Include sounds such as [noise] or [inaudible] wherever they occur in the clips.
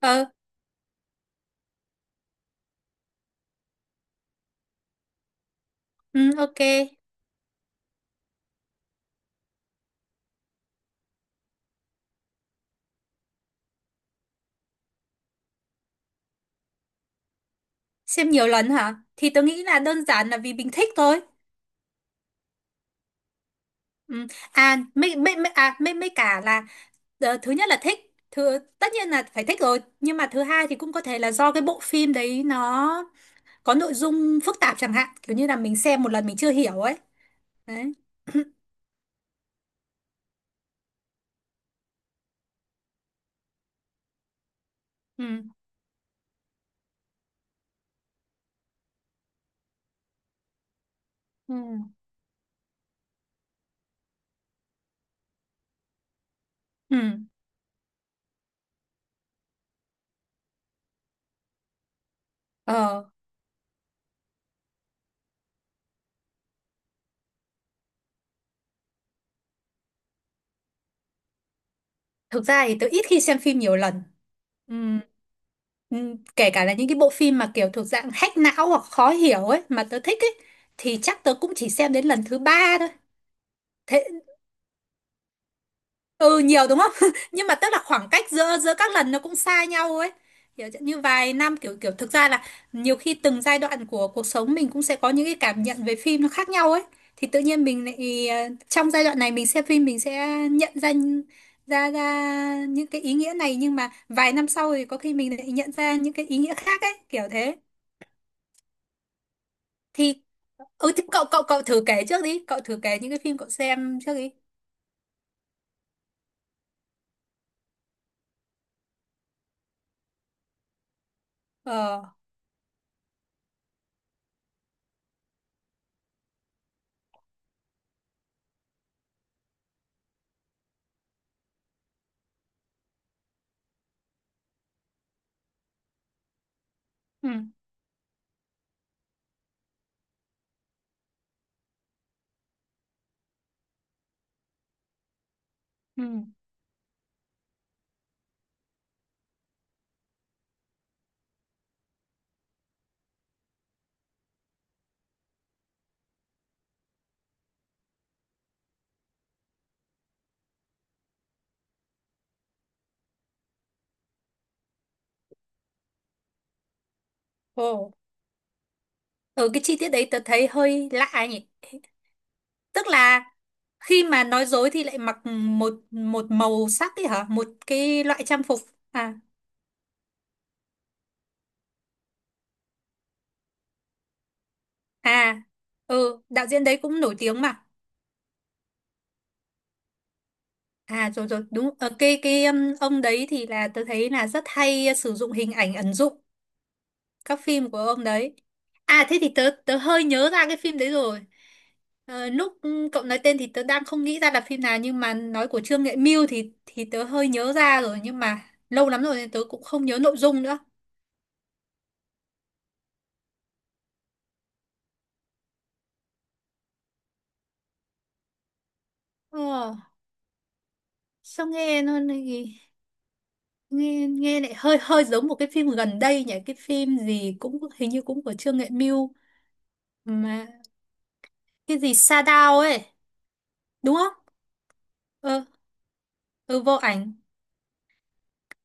Ờ. Ừ, ok. Xem nhiều lần hả? Thì tớ nghĩ là đơn giản là vì mình thích thôi. Ừ. Mấy cả là thứ nhất là thích. Tất nhiên là phải thích rồi. Nhưng mà thứ hai thì cũng có thể là do cái bộ phim đấy nó có nội dung phức tạp chẳng hạn. Kiểu như là mình xem một lần mình chưa hiểu ấy. Đấy. [clears throat] Ừ. Ừ. Ừ. Ờ, thực ra thì tớ ít khi xem phim nhiều lần. Ừ. Ừ, kể cả là những cái bộ phim mà kiểu thuộc dạng hack não hoặc khó hiểu ấy mà tớ thích ấy thì chắc tớ cũng chỉ xem đến lần thứ ba thôi. Thế, ừ, nhiều đúng không? [laughs] Nhưng mà tức là khoảng cách giữa giữa các lần nó cũng xa nhau ấy, kiểu như vài năm. Kiểu kiểu thực ra là nhiều khi từng giai đoạn của cuộc sống mình cũng sẽ có những cái cảm nhận về phim nó khác nhau ấy. Thì tự nhiên mình lại trong giai đoạn này mình xem phim mình sẽ nhận ra ra ra những cái ý nghĩa này, nhưng mà vài năm sau thì có khi mình lại nhận ra những cái ý nghĩa khác ấy, kiểu thế. Thì ừ, thì cậu cậu cậu thử kể trước đi, cậu thử kể những cái phim cậu xem trước đi. Ờ. Ừ, ừ. Ồ, ở cái chi tiết đấy tớ thấy hơi lạ nhỉ. Tức là khi mà nói dối thì lại mặc một một màu sắc ấy hả, một cái loại trang phục? À. À, ừ, đạo diễn đấy cũng nổi tiếng mà. À, rồi rồi, đúng. Ờ cái ông đấy thì là tớ thấy là rất hay sử dụng hình ảnh ẩn dụ các phim của ông đấy. À, thế thì tớ tớ hơi nhớ ra cái phim đấy rồi. Ờ, lúc cậu nói tên thì tớ đang không nghĩ ra là phim nào, nhưng mà nói của Trương Nghệ Mưu thì tớ hơi nhớ ra rồi, nhưng mà lâu lắm rồi nên tớ cũng không nhớ nội dung nữa. ờ, sao nghe nó nghe nghe nghe lại hơi hơi giống một cái phim gần đây nhỉ, cái phim gì cũng hình như cũng của Trương Nghệ Mưu mà, cái gì Sa Đao ấy đúng không? Ờ. Ừ, vô ảnh.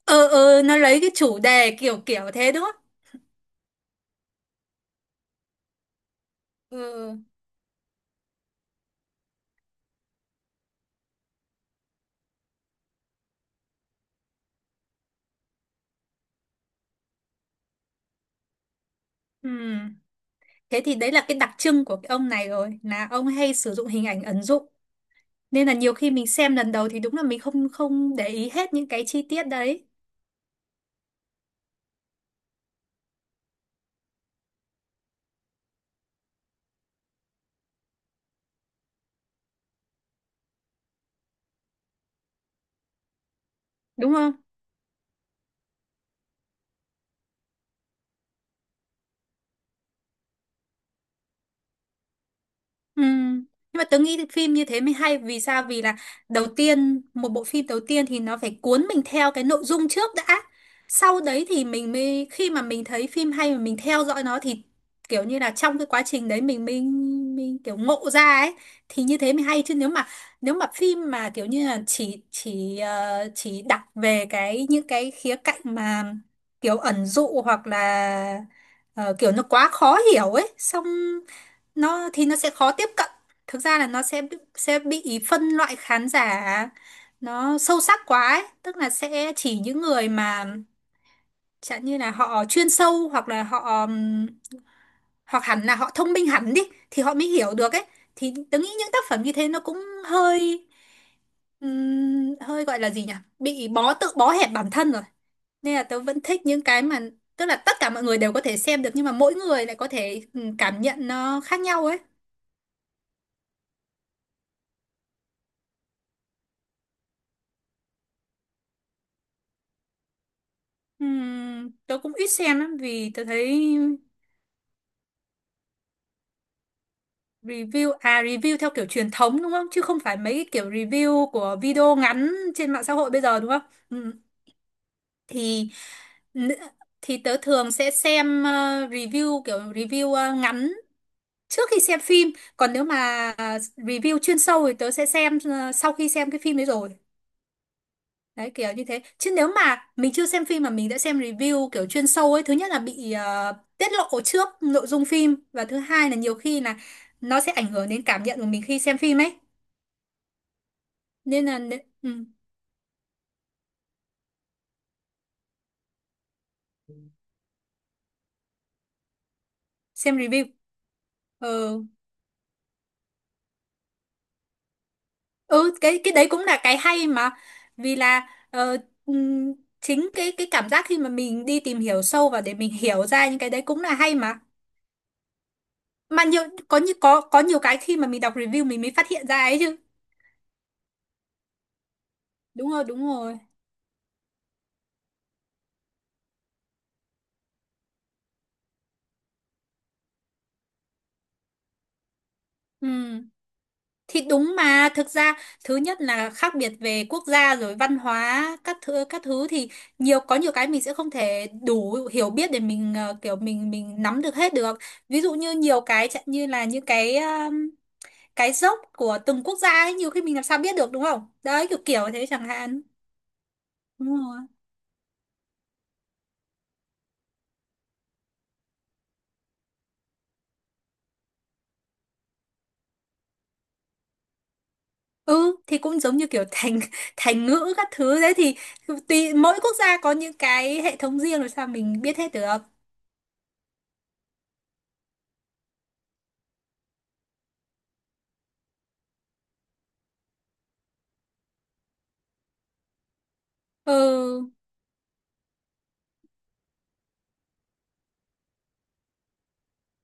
Ờ nó lấy cái chủ đề kiểu kiểu thế đúng không? ờ Ừm, Thế thì đấy là cái đặc trưng của cái ông này rồi, là ông hay sử dụng hình ảnh ẩn dụ, nên là nhiều khi mình xem lần đầu thì đúng là mình không không để ý hết những cái chi tiết đấy đúng không? Ừ. Nhưng mà tớ nghĩ phim như thế mới hay. Vì sao? Vì là đầu tiên một bộ phim, đầu tiên thì nó phải cuốn mình theo cái nội dung trước đã. Sau đấy thì mình mới, khi mà mình thấy phim hay mà mình theo dõi nó, thì kiểu như là trong cái quá trình đấy mình kiểu ngộ ra ấy. Thì như thế mới hay, chứ nếu mà phim mà kiểu như là chỉ đặt về cái những cái khía cạnh mà kiểu ẩn dụ, hoặc là ờ, kiểu nó quá khó hiểu ấy, xong nó thì nó sẽ khó tiếp cận. Thực ra là nó sẽ bị phân loại khán giả, nó sâu sắc quá ấy. Tức là sẽ chỉ những người mà chẳng như là họ chuyên sâu hoặc là họ ừm, hoặc hẳn là họ thông minh hẳn đi thì họ mới hiểu được ấy. Thì tớ nghĩ những tác phẩm như thế nó cũng hơi, hơi gọi là gì nhỉ, bị tự bó hẹp bản thân rồi. Nên là tớ vẫn thích những cái mà tức là tất cả mọi người đều có thể xem được, nhưng mà mỗi người lại có thể cảm nhận nó khác nhau ấy. Tớ cũng ít xem lắm vì tớ thấy review à, review theo kiểu truyền thống đúng không, chứ không phải mấy cái kiểu review của video ngắn trên mạng xã hội bây giờ đúng không? Ừm, thì nữ- thì tớ thường sẽ xem review kiểu review ngắn trước khi xem phim. Còn nếu mà review chuyên sâu thì tớ sẽ xem sau khi xem cái phim đấy rồi. Đấy kiểu như thế. Chứ nếu mà mình chưa xem phim mà mình đã xem review kiểu chuyên sâu ấy, thứ nhất là bị tiết lộ trước nội dung phim, và thứ hai là nhiều khi là nó sẽ ảnh hưởng đến cảm nhận của mình khi xem phim ấy. Nên là nế- ừ, xem review. Ừ. ừ cái đấy cũng là cái hay mà. Vì là ừm, chính cái cảm giác khi mà mình đi tìm hiểu sâu và để mình hiểu ra những cái đấy cũng là hay mà. Mà nhiều có như có nhiều cái khi mà mình đọc review mình mới phát hiện ra ấy chứ. Đúng rồi, đúng rồi. Ừ. Thì đúng mà. Thực ra thứ nhất là khác biệt về quốc gia rồi văn hóa các thứ các thứ, thì có nhiều cái mình sẽ không thể đủ hiểu biết để mình kiểu mình nắm được hết được. Ví dụ như nhiều cái chẳng như là những cái dốc của từng quốc gia ấy, nhiều khi mình làm sao biết được đúng không? Đấy kiểu kiểu thế chẳng hạn. Đúng rồi. Ừ, thì cũng giống như kiểu thành [laughs] thành ngữ các thứ đấy, thì tùy mỗi quốc gia có những cái hệ thống riêng rồi sao mình biết hết được. Ừ.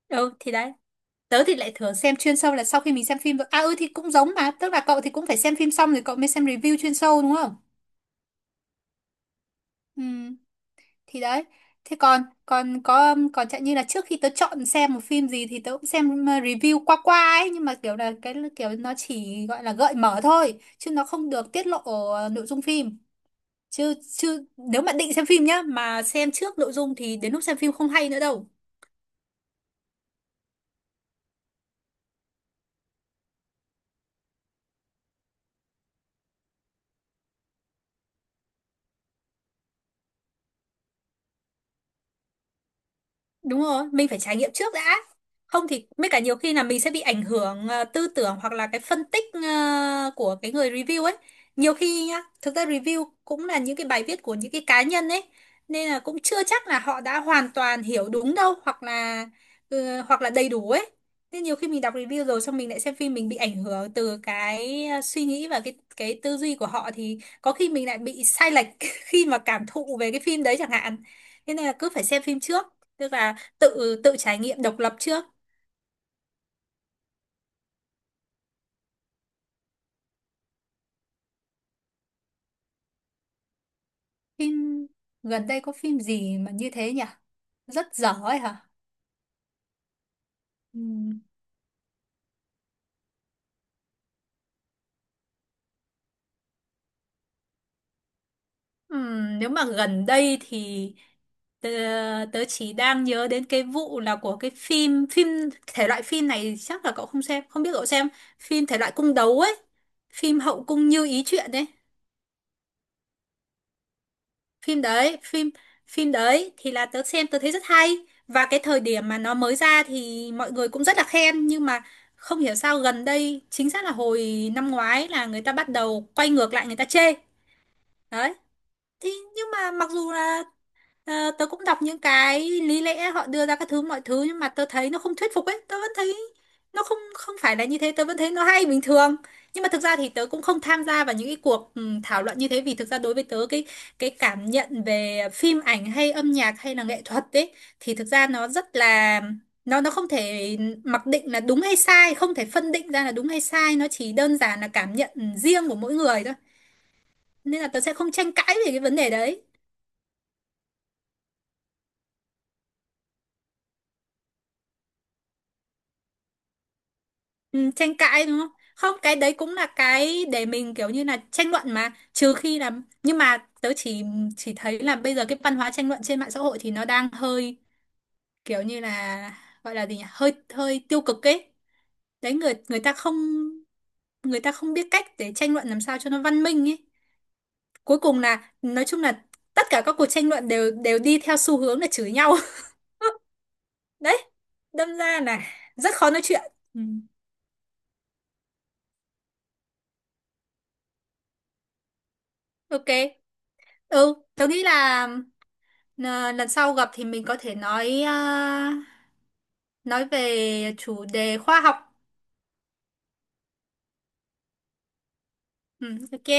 Ừ, thì đấy. Tớ thì lại thường xem chuyên sâu là sau khi mình xem phim rồi. À, ừ, thì cũng giống mà, tức là cậu thì cũng phải xem phim xong rồi cậu mới xem review chuyên sâu đúng không? Ừ, thì đấy. Thế còn còn có còn chẳng như là trước khi tớ chọn xem một phim gì thì tớ cũng xem review qua qua ấy, nhưng mà kiểu là cái kiểu nó chỉ gọi là gợi mở thôi, chứ nó không được tiết lộ nội dung phim. Chứ chứ nếu mà định xem phim nhá mà xem trước nội dung thì đến lúc xem phim không hay nữa đâu. Đúng rồi, mình phải trải nghiệm trước đã. Không thì mấy cả nhiều khi là mình sẽ bị ảnh hưởng tư tưởng, hoặc là cái phân tích của cái người review ấy. Nhiều khi nhá, thực ra review cũng là những cái bài viết của những cái cá nhân ấy. Nên là cũng chưa chắc là họ đã hoàn toàn hiểu đúng đâu, hoặc là đầy đủ ấy. Nên nhiều khi mình đọc review rồi xong mình lại xem phim, mình bị ảnh hưởng từ cái suy nghĩ và cái tư duy của họ, thì có khi mình lại bị sai lệch [laughs] khi mà cảm thụ về cái phim đấy chẳng hạn. Thế nên là cứ phải xem phim trước. Tức là tự tự trải nghiệm độc lập trước. Phim gần đây có phim gì mà như thế nhỉ, rất dở ấy hả? Ừm, nếu mà gần đây thì tớ, tớ chỉ đang nhớ đến cái vụ là của cái phim phim thể loại phim này, chắc là cậu không xem không biết, cậu xem phim thể loại cung đấu ấy, phim hậu cung như ý chuyện ấy. Phim đấy phim phim đấy thì là tớ xem tớ thấy rất hay, và cái thời điểm mà nó mới ra thì mọi người cũng rất là khen, nhưng mà không hiểu sao gần đây, chính xác là hồi năm ngoái, là người ta bắt đầu quay ngược lại người ta chê. Đấy, thì nhưng mà mặc dù là tớ cũng đọc những cái lý lẽ họ đưa ra các thứ mọi thứ, nhưng mà tớ thấy nó không thuyết phục ấy, tớ vẫn thấy nó không không phải là như thế, tớ vẫn thấy nó hay bình thường. Nhưng mà thực ra thì tớ cũng không tham gia vào những cái cuộc thảo luận như thế, vì thực ra đối với tớ cái cảm nhận về phim ảnh hay âm nhạc hay là nghệ thuật ấy, thì thực ra nó rất là, nó không thể mặc định là đúng hay sai, không thể phân định ra là đúng hay sai, nó chỉ đơn giản là cảm nhận riêng của mỗi người thôi. Nên là tớ sẽ không tranh cãi về cái vấn đề đấy. Ừ, tranh cãi đúng không? Không, cái đấy cũng là cái để mình kiểu như là tranh luận mà, trừ khi là, nhưng mà tớ chỉ thấy là bây giờ cái văn hóa tranh luận trên mạng xã hội thì nó đang hơi kiểu như là, gọi là gì nhỉ, hơi hơi tiêu cực ấy. Đấy, người người ta không, người ta không biết cách để tranh luận làm sao cho nó văn minh ấy. Cuối cùng là nói chung là tất cả các cuộc tranh luận đều đều đi theo xu hướng là chửi nhau. [laughs] Đấy, đâm ra là rất khó nói chuyện. Ừ. Ok. Ừ, tớ nghĩ là lần sau gặp thì mình có thể nói về chủ đề khoa học. Ừ, ok.